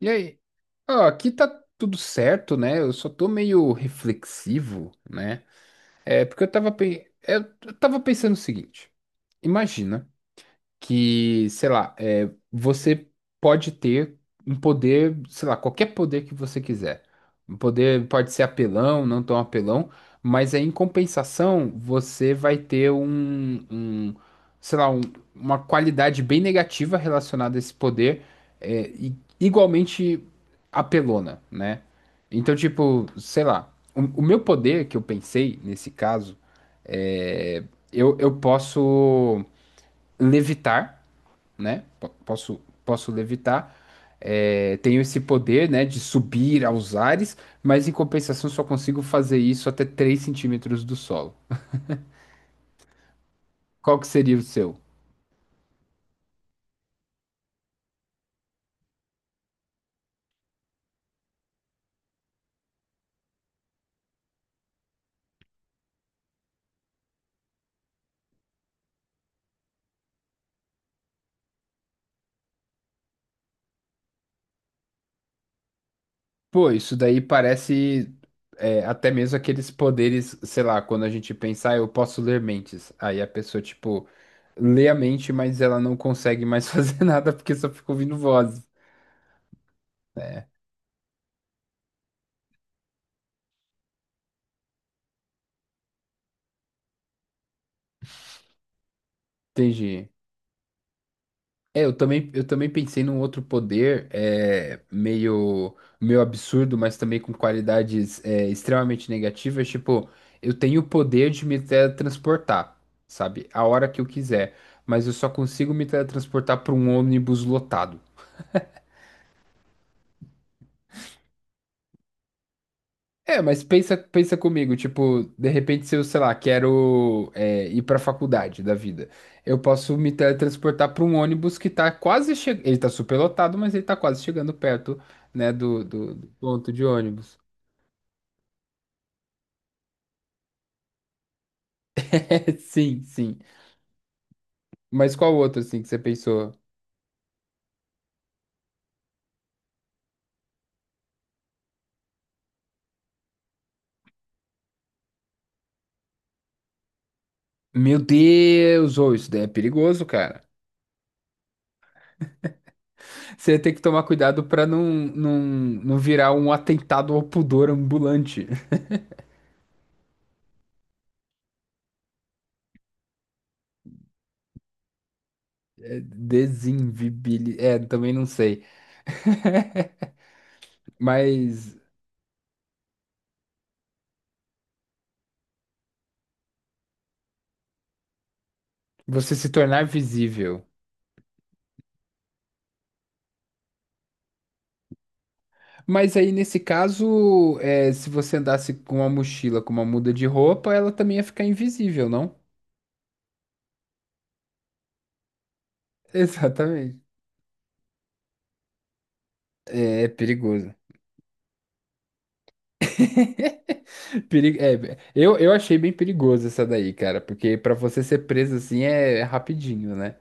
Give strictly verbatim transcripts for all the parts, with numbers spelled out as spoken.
E aí? Ah, aqui tá tudo certo, né? Eu só tô meio reflexivo, né? É porque eu tava, pe... eu eu tava pensando o seguinte: imagina que, sei lá, é, você pode ter um poder, sei lá, qualquer poder que você quiser. Um poder pode ser apelão, não tão apelão, mas aí em compensação você vai ter um, um, sei lá, um- uma qualidade bem negativa relacionada a esse poder, é, e- igualmente apelona, né? Então, tipo, sei lá, o, o meu poder que eu pensei nesse caso é, eu, eu posso levitar, né? po- Posso, posso levitar. É, tenho esse poder, né, de subir aos ares, mas em compensação só consigo fazer isso até três centímetros do solo. Qual que seria o seu? Pô, isso daí parece, é, até mesmo aqueles poderes, sei lá, quando a gente pensa, ah, eu posso ler mentes. Aí a pessoa, tipo, lê a mente, mas ela não consegue mais fazer nada porque só fica ouvindo vozes. Entendi. É, eu também, eu também pensei num outro poder é, meio, meio absurdo, mas também com qualidades é, extremamente negativas. Tipo, eu tenho o poder de me teletransportar, sabe? A hora que eu quiser, mas eu só consigo me teletransportar para um ônibus lotado. É, mas pensa, pensa comigo, tipo, de repente se eu, sei lá, quero é, ir pra faculdade da vida, eu posso me teletransportar pra um ônibus que tá quase chegando, ele tá super lotado, mas ele tá quase chegando perto, né, do, do, do ponto de ônibus. É, sim, sim. Mas qual outro, assim, que você pensou? Meu Deus, ô, isso daí é perigoso, cara. Você tem que tomar cuidado pra não, não, não virar um atentado ao pudor ambulante. É. Desinvibili... É, também não sei. Mas Você se tornar visível. Mas aí, nesse caso, é, se você andasse com uma mochila, com uma muda de roupa, ela também ia ficar invisível, não? Exatamente. É, é perigoso. Peri- é, eu, eu achei bem perigoso essa daí, cara, porque pra você ser preso assim é, é rapidinho, né?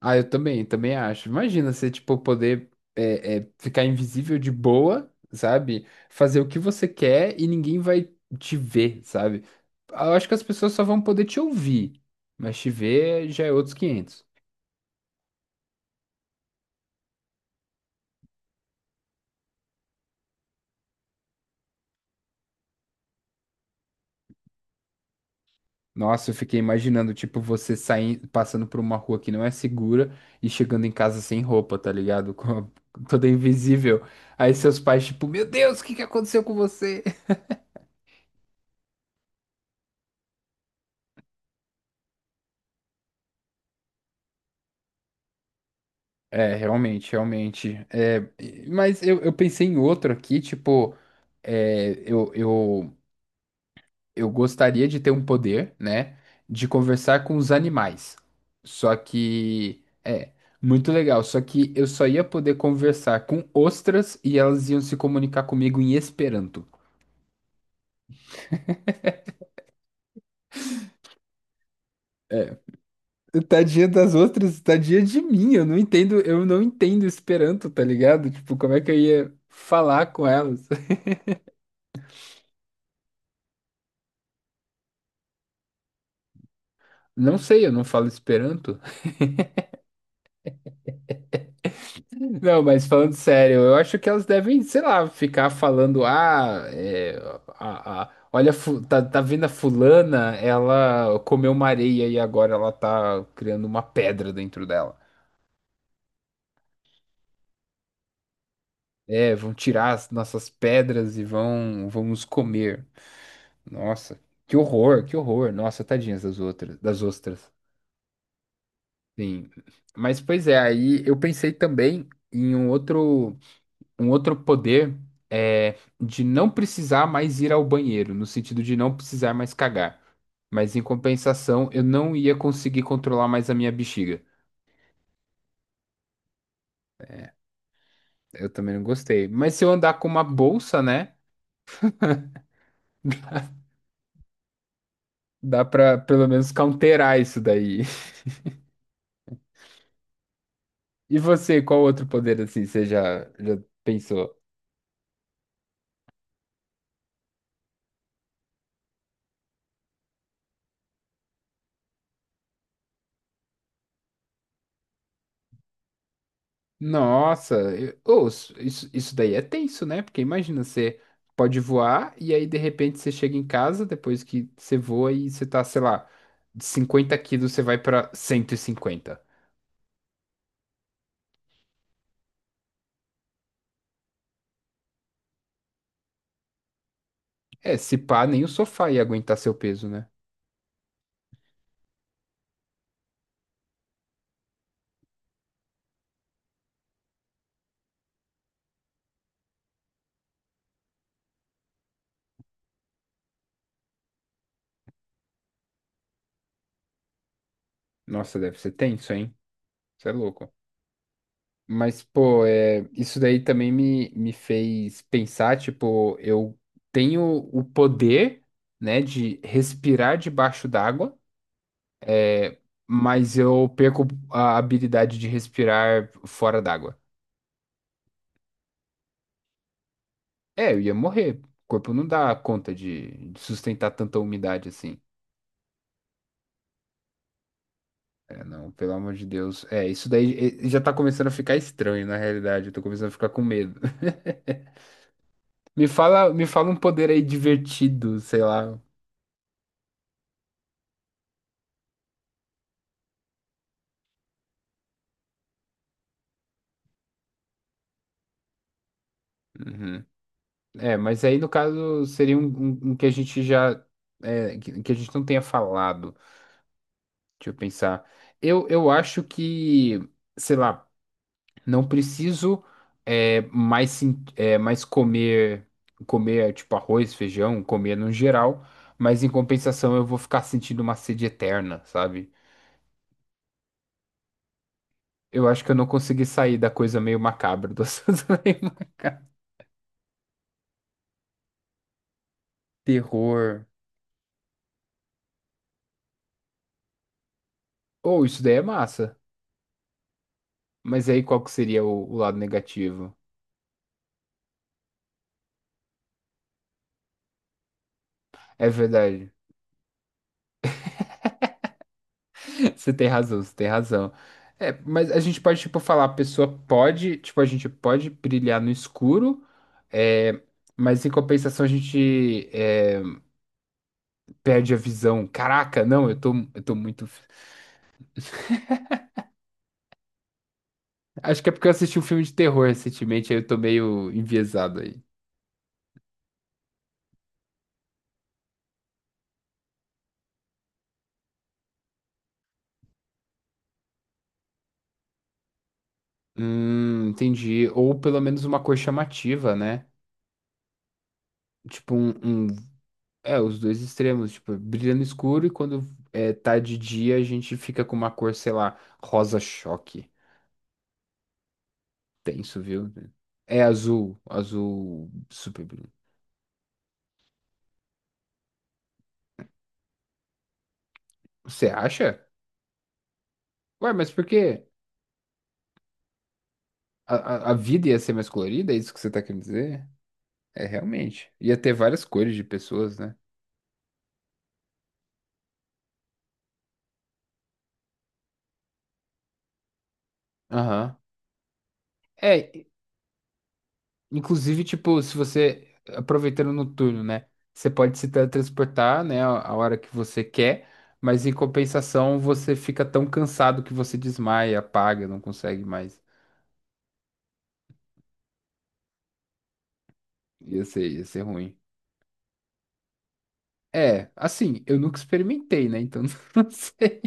Ah, eu também, também acho. Imagina você, tipo, poder é, é, ficar invisível de boa, sabe? Fazer o que você quer e ninguém vai te ver, sabe? Eu acho que as pessoas só vão poder te ouvir, mas te ver já é outros quinhentos. Nossa, eu fiquei imaginando, tipo, você saindo, passando por uma rua que não é segura e chegando em casa sem roupa, tá ligado? Com a- toda invisível. Aí seus pais, tipo, meu Deus, o que que aconteceu com você? É, realmente, realmente. É, e- mas eu, eu pensei em outro aqui, tipo, é, eu, eu, eu gostaria de ter um poder, né, de conversar com os animais. Só que, é, muito legal. Só que eu só ia poder conversar com ostras e elas iam se comunicar comigo em Esperanto. Tadinha das ostras, tadinha de mim. Eu não entendo, eu não entendo Esperanto, tá ligado? Tipo, como é que eu ia falar com elas? Não sei, eu não falo Esperanto. Não, mas falando sério, eu acho que elas devem, sei lá, ficar falando, ah, é, a, a- olha, fu- tá, tá vendo a fulana, ela comeu uma areia e agora ela tá criando uma pedra dentro dela. É, vão tirar as nossas pedras e vão, vão nos comer. Nossa, que horror, que horror. Nossa, tadinhas das outras, das ostras. Sim. Mas pois é, aí eu pensei também em um outro. um outro poder é de não precisar mais ir ao banheiro, no sentido de não precisar mais cagar. Mas em compensação, eu não ia conseguir controlar mais a minha bexiga. Eu também não gostei. Mas se eu andar com uma bolsa, né? Dá pra pelo menos counterar isso daí. E você, qual outro poder assim você já, já pensou? Nossa, eu- ô, isso, isso isso daí é tenso, né? Porque imagina, você pode voar e aí de repente você chega em casa depois que você voa e você tá, sei lá, de 50 quilos você vai pra cento e cinquenta. É, se pá, nem o sofá ia aguentar seu peso, né? Nossa, deve ser tenso, hein? Você é louco. Mas, pô, é, isso daí também me, me fez pensar, tipo, eu tenho o poder, né, de respirar debaixo d'água. É, mas eu perco a habilidade de respirar fora d'água. É, eu ia morrer. O corpo não dá conta de de sustentar tanta umidade assim. É, não, pelo amor de Deus. É, isso daí eh, já tá começando a ficar estranho, na realidade. Eu tô começando a ficar com medo. Me fala, me fala um poder aí divertido, sei lá. Uhum. É, mas aí no caso seria um, um- um que a gente já. É, que, que a gente não tenha falado. Deixa eu pensar. Eu, eu acho que, sei lá. Não preciso é, mais, sen- é, mais comer, comer tipo arroz, feijão, comer no geral, mas em compensação eu vou ficar sentindo uma sede eterna, sabe? Eu acho que eu não consegui sair da coisa meio macabra do assunto. Terror. Ou isso daí é massa. Mas aí qual que seria o, o lado negativo? É verdade. Você tem razão, você tem razão. É, mas a gente pode, tipo, falar, a pessoa pode, tipo, a gente pode brilhar no escuro, é, mas em compensação a gente é, perde a visão. Caraca, não, eu tô, eu tô muito. Acho que é porque eu assisti um filme de terror recentemente, aí eu tô meio enviesado aí. Hum, entendi. Ou pelo menos uma cor chamativa, né? Tipo, um, um- É, os dois extremos, tipo, brilha no escuro e quando é, tá de dia a gente fica com uma cor, sei lá, rosa choque. Tenso, viu? É azul, azul super brilho. Você acha? Ué, mas por quê? A, a, a vida ia ser mais colorida? É isso que você tá querendo dizer? É, realmente. Ia ter várias cores de pessoas, né? Aham. É, i- inclusive, tipo, se você, aproveitando no turno, né? Você pode se teletransportar, né, a a hora que você quer, mas em compensação você fica tão cansado que você desmaia, apaga, não consegue mais. Ia ser, ia ser ruim. É, assim, eu nunca experimentei, né? Então, não sei.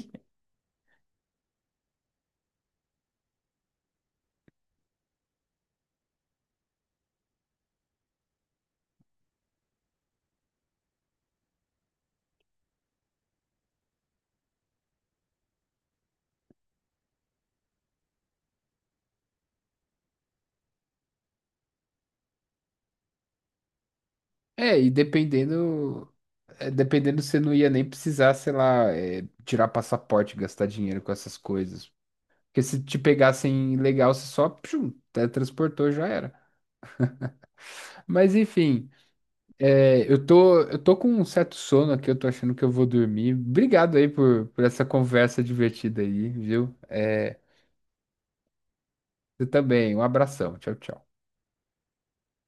É, e dependendo, é, dependendo você não ia nem precisar, sei lá, é, tirar passaporte, gastar dinheiro com essas coisas. Porque se te pegassem legal, você só pshum, teletransportou, já era. Mas enfim, é, eu tô, eu tô com um certo sono aqui, eu tô achando que eu vou dormir. Obrigado aí por, por essa conversa divertida aí, viu? É, você também, um abração, tchau, tchau.